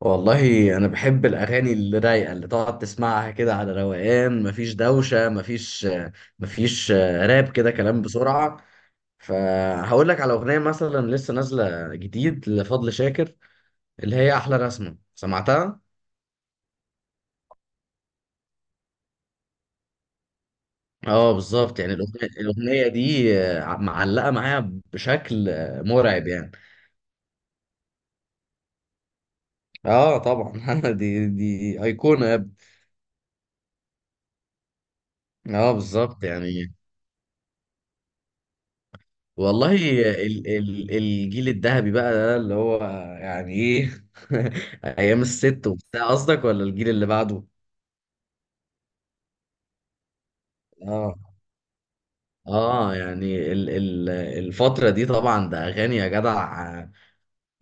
والله انا بحب الاغاني اللي رايقه اللي تقعد تسمعها كده على روقان. مفيش دوشه، مفيش راب كده كلام بسرعه. فهقول لك على اغنيه مثلا لسه نازله جديد لفضل شاكر اللي هي احلى رسمه سمعتها. اه بالظبط يعني الأغنية دي معلقه معايا بشكل مرعب يعني. اه طبعا. دي ايقونه يا ابني. اه بالظبط يعني، والله ال ال الجيل الذهبي بقى ده اللي هو يعني ايه. ايام الست وبتاع، قصدك ولا الجيل اللي بعده؟ اه اه. يعني ال ال الفترة دي طبعا ده اغاني يا جدع.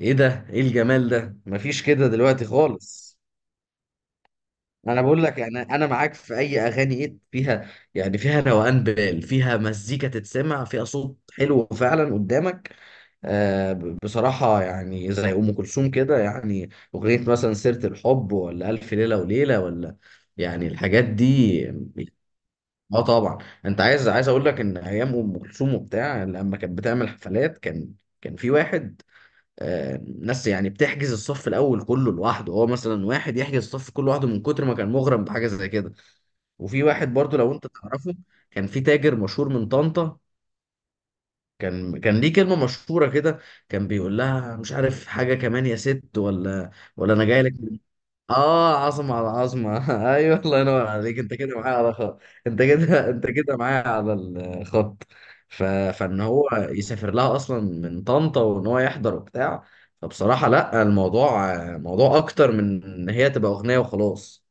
ايه ده، ايه الجمال ده؟ مفيش كده دلوقتي خالص. ما انا بقول لك، انا معاك في اي اغاني ايه فيها، يعني فيها روقان، فيها مزيكا تتسمع، فيها صوت حلو فعلا قدامك. بصراحه يعني زي ام كلثوم كده يعني. اغنيه مثلا سيره الحب، ولا الف ليله وليله، ولا يعني الحاجات دي. اه طبعا. انت عايز اقول لك ان ايام ام كلثوم وبتاع لما كانت بتعمل حفلات كان في واحد، ناس يعني بتحجز الصف الاول كله لوحده. هو مثلا واحد يحجز الصف كله لوحده من كتر ما كان مغرم بحاجه زي كده. وفي واحد برضو لو انت تعرفه، كان في تاجر مشهور من طنطا، كان ليه كلمه مشهوره كده. كان بيقول لها مش عارف حاجه كمان يا ست، ولا انا جاي لك. اه، عظمة على عظمة. ايوه، الله ينور عليك، انت كده معايا على خط. انت كده انت كده معايا على الخط. فان هو يسافر لها اصلا من طنطا، وان هو يحضر وبتاع. فبصراحة لا، الموضوع موضوع اكتر من ان هي تبقى اغنية وخلاص.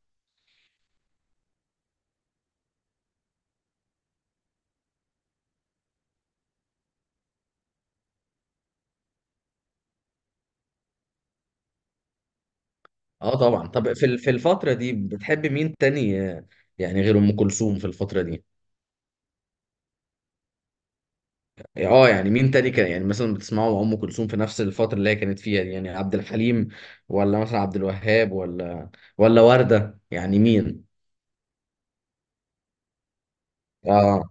اه طبعا. طب في الفترة دي بتحب مين تاني؟ يعني غير ام كلثوم في الفترة دي. يعني اه، يعني مين تاني كان، يعني مثلا بتسمعوا ام كلثوم في نفس الفتره اللي هي كانت فيها دي؟ يعني عبد الحليم، ولا مثلا عبد الوهاب، ولا ورده، يعني مين؟ اه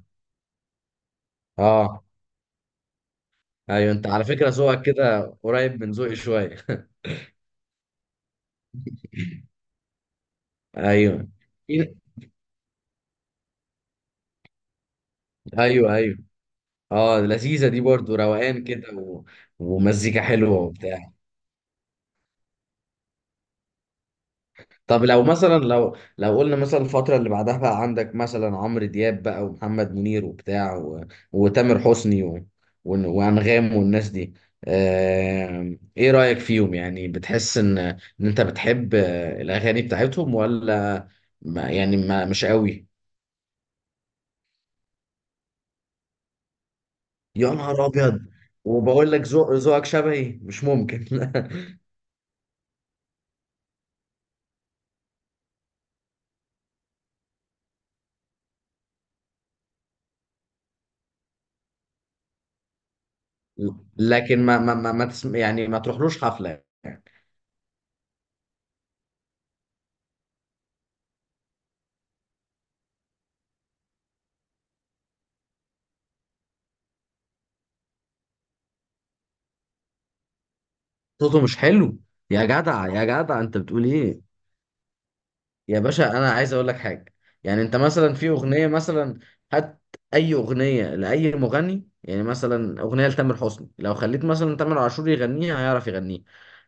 اه. ايوه، انت على فكره ذوقك كده قريب من ذوقي شويه. ايوه ايوه ايوه. اه لذيذه دي برضو، روقان كده ومزيكا حلوه وبتاع. طب لو مثلا، لو قلنا مثلا الفترة اللي بعدها بقى، عندك مثلا عمرو دياب بقى، ومحمد منير وبتاع، وتامر حسني، وأنغام والناس دي. ايه رأيك فيهم؟ يعني بتحس ان انت بتحب الأغاني بتاعتهم، ولا ما يعني، ما مش قوي. يا نهار أبيض. وبقول لك ذوقك شبهي مش ممكن. لكن ما ما ما, ما تسم... يعني ما تروحلوش حفلة؟ صوته مش حلو؟ يا جدع يا جدع، انت بتقول ايه؟ يا باشا، انا عايز اقول لك حاجه. يعني انت مثلا في اغنيه مثلا، هات اي اغنيه لاي مغني، يعني مثلا اغنيه لتامر حسني لو خليت مثلا تامر عاشور يغنيها هيعرف يغنيها.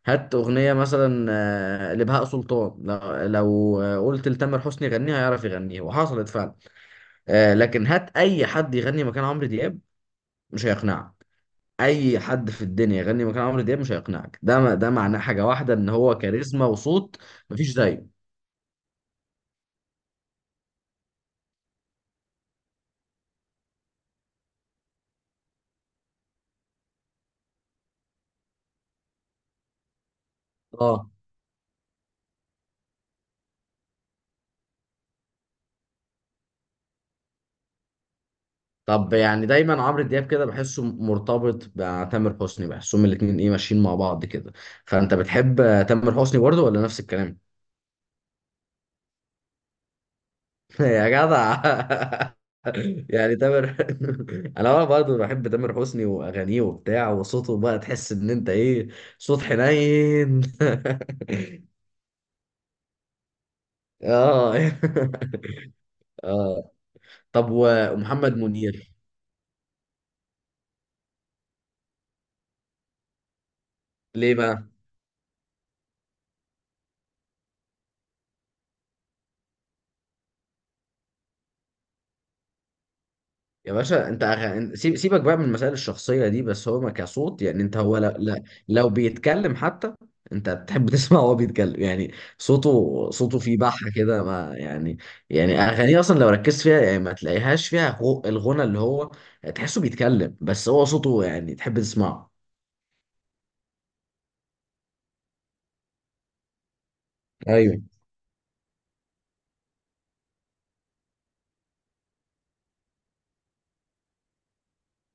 هات اغنيه مثلا لبهاء سلطان، لو قلت لتامر حسني يغنيها هيعرف يغنيها، وحصلت فعلا. لكن هات اي حد يغني مكان عمرو دياب، مش هيقنعك. اي حد في الدنيا يغني مكان عمرو دياب مش هيقنعك. ده معناه حاجه واحده، ان هو كاريزما وصوت، مفيش زيه. اه. طب يعني دايما عمرو دياب كده بحسه مرتبط بتامر حسني، بحسهم الاتنين ايه ماشيين مع بعض كده. فانت بتحب تامر حسني برضه، ولا نفس الكلام؟ يا جدع. يعني تامر. انا برضه بحب تامر حسني واغانيه وبتاع، وصوته بقى تحس ان انت ايه، صوت حنين. اه. اه. طب ومحمد منير؟ ليه بقى؟ يا باشا انت سيبك بقى من المسائل الشخصية دي. بس هو، ما كصوت يعني، انت هو، لا لا. لو بيتكلم حتى، انت بتحب تسمع وهو بيتكلم يعني. صوته فيه بحة كده، ما يعني. يعني اغانيه اصلا لو ركزت فيها يعني، ما تلاقيهاش فيها الغنى اللي هو، تحسه بيتكلم، بس هو صوته يعني تحب تسمعه. ايوه.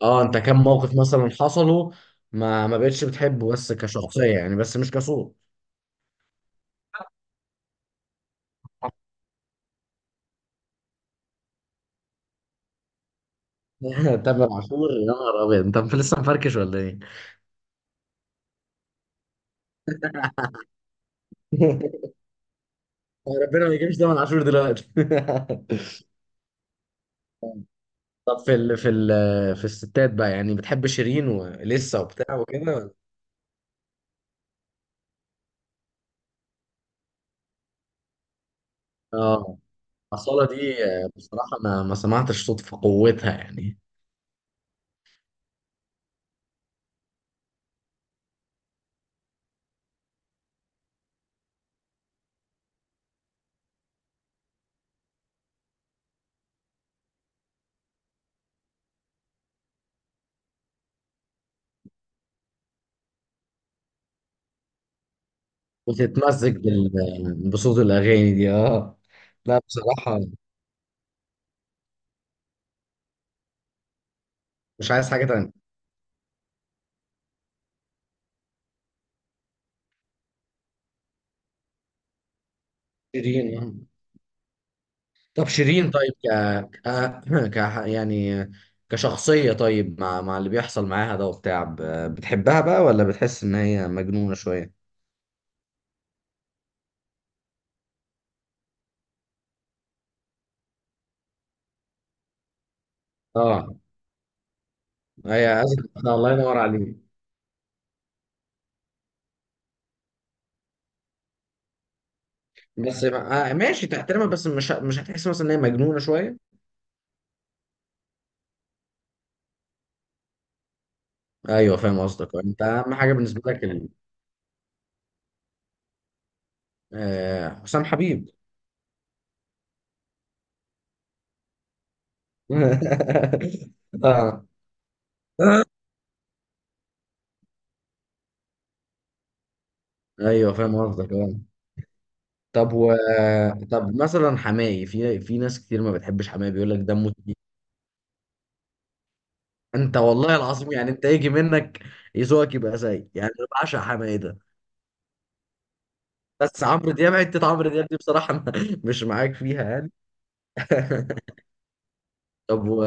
اه انت كم موقف مثلا حصلوا، ما بقتش بتحبه بس كشخصية يعني، بس مش كصوت. تامر عاشور؟ يا نهار ابيض، انت لسه مفركش ولا ايه؟ ربنا ما يجيبش تامر عاشور دلوقتي. طب في الستات بقى، يعني بتحب شيرين ولسه وبتاع وكده. اه. أصالة دي بصراحة ما سمعتش صوت في قوتها يعني. بتتمزج بصوت الأغاني دي. اه لا بصراحة، مش عايز حاجة تانية. شيرين. طب شيرين طيب، ك ك يعني كشخصية، طيب مع اللي بيحصل معاها ده وبتاع، بتحبها بقى ولا بتحس إن هي مجنونة شوية؟ اه، هي أزمة. الله ينور عليك. بس ماشي، تحترمها. بس مش هتحس مثلا ان هي مجنونه شويه؟ ايوه، فاهم قصدك. انت اهم حاجه بالنسبه لك حسام حبيب. اه. ايوه فاهم قصدك. اه طب و طب مثلا حماقي، في ناس كتير ما بتحبش حماقي، بيقول لك دمه تقيل. انت والله العظيم، يعني انت يجي منك ذوقك يبقى زي، يعني انا بعشق حماقي ده. بس عمرو دياب، حته عمرو دياب دي بصراحه أنا مش معاك فيها يعني. طب و...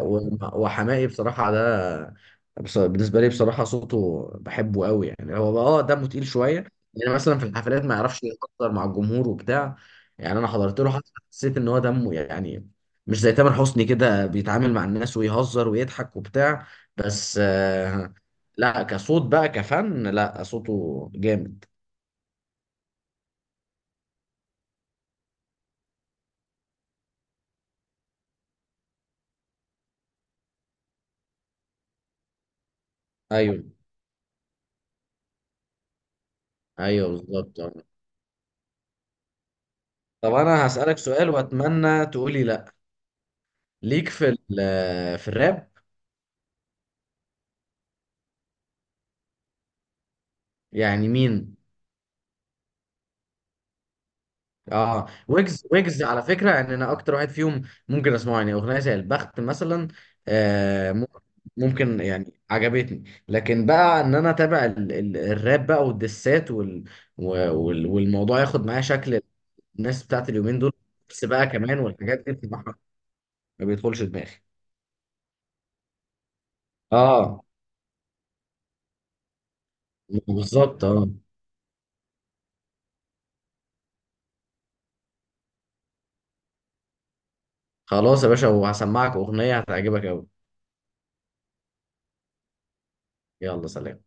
و... وحماقي بصراحة ده، بالنسبة لي بصراحة صوته بحبه قوي يعني. هو دمه تقيل شوية، يعني مثلا في الحفلات ما يعرفش يهزر مع الجمهور وبتاع. يعني أنا حضرت له حفلة، حسيت إن هو دمه يعني، مش زي تامر حسني كده بيتعامل مع الناس ويهزر ويضحك وبتاع. بس لا كصوت بقى، كفن، لا صوته جامد. أيوه أيوه بالظبط. طب أنا هسألك سؤال وأتمنى تقولي لا. ليك في الراب؟ يعني مين؟ اه ويجز. ويجز على فكره يعني انا اكتر واحد فيهم ممكن اسمعه، يعني اغنيه زي البخت مثلا. آه مم- ممكن يعني عجبتني، لكن بقى ان انا اتابع الراب بقى والدسات والموضوع ياخد معايا شكل. الناس بتاعت اليومين دول، بس بقى كمان والحاجات دي بصراحه ما بيدخلش دماغي. اه بالظبط. اه خلاص يا باشا، وهسمعك اغنيه هتعجبك قوي. يلا سلام.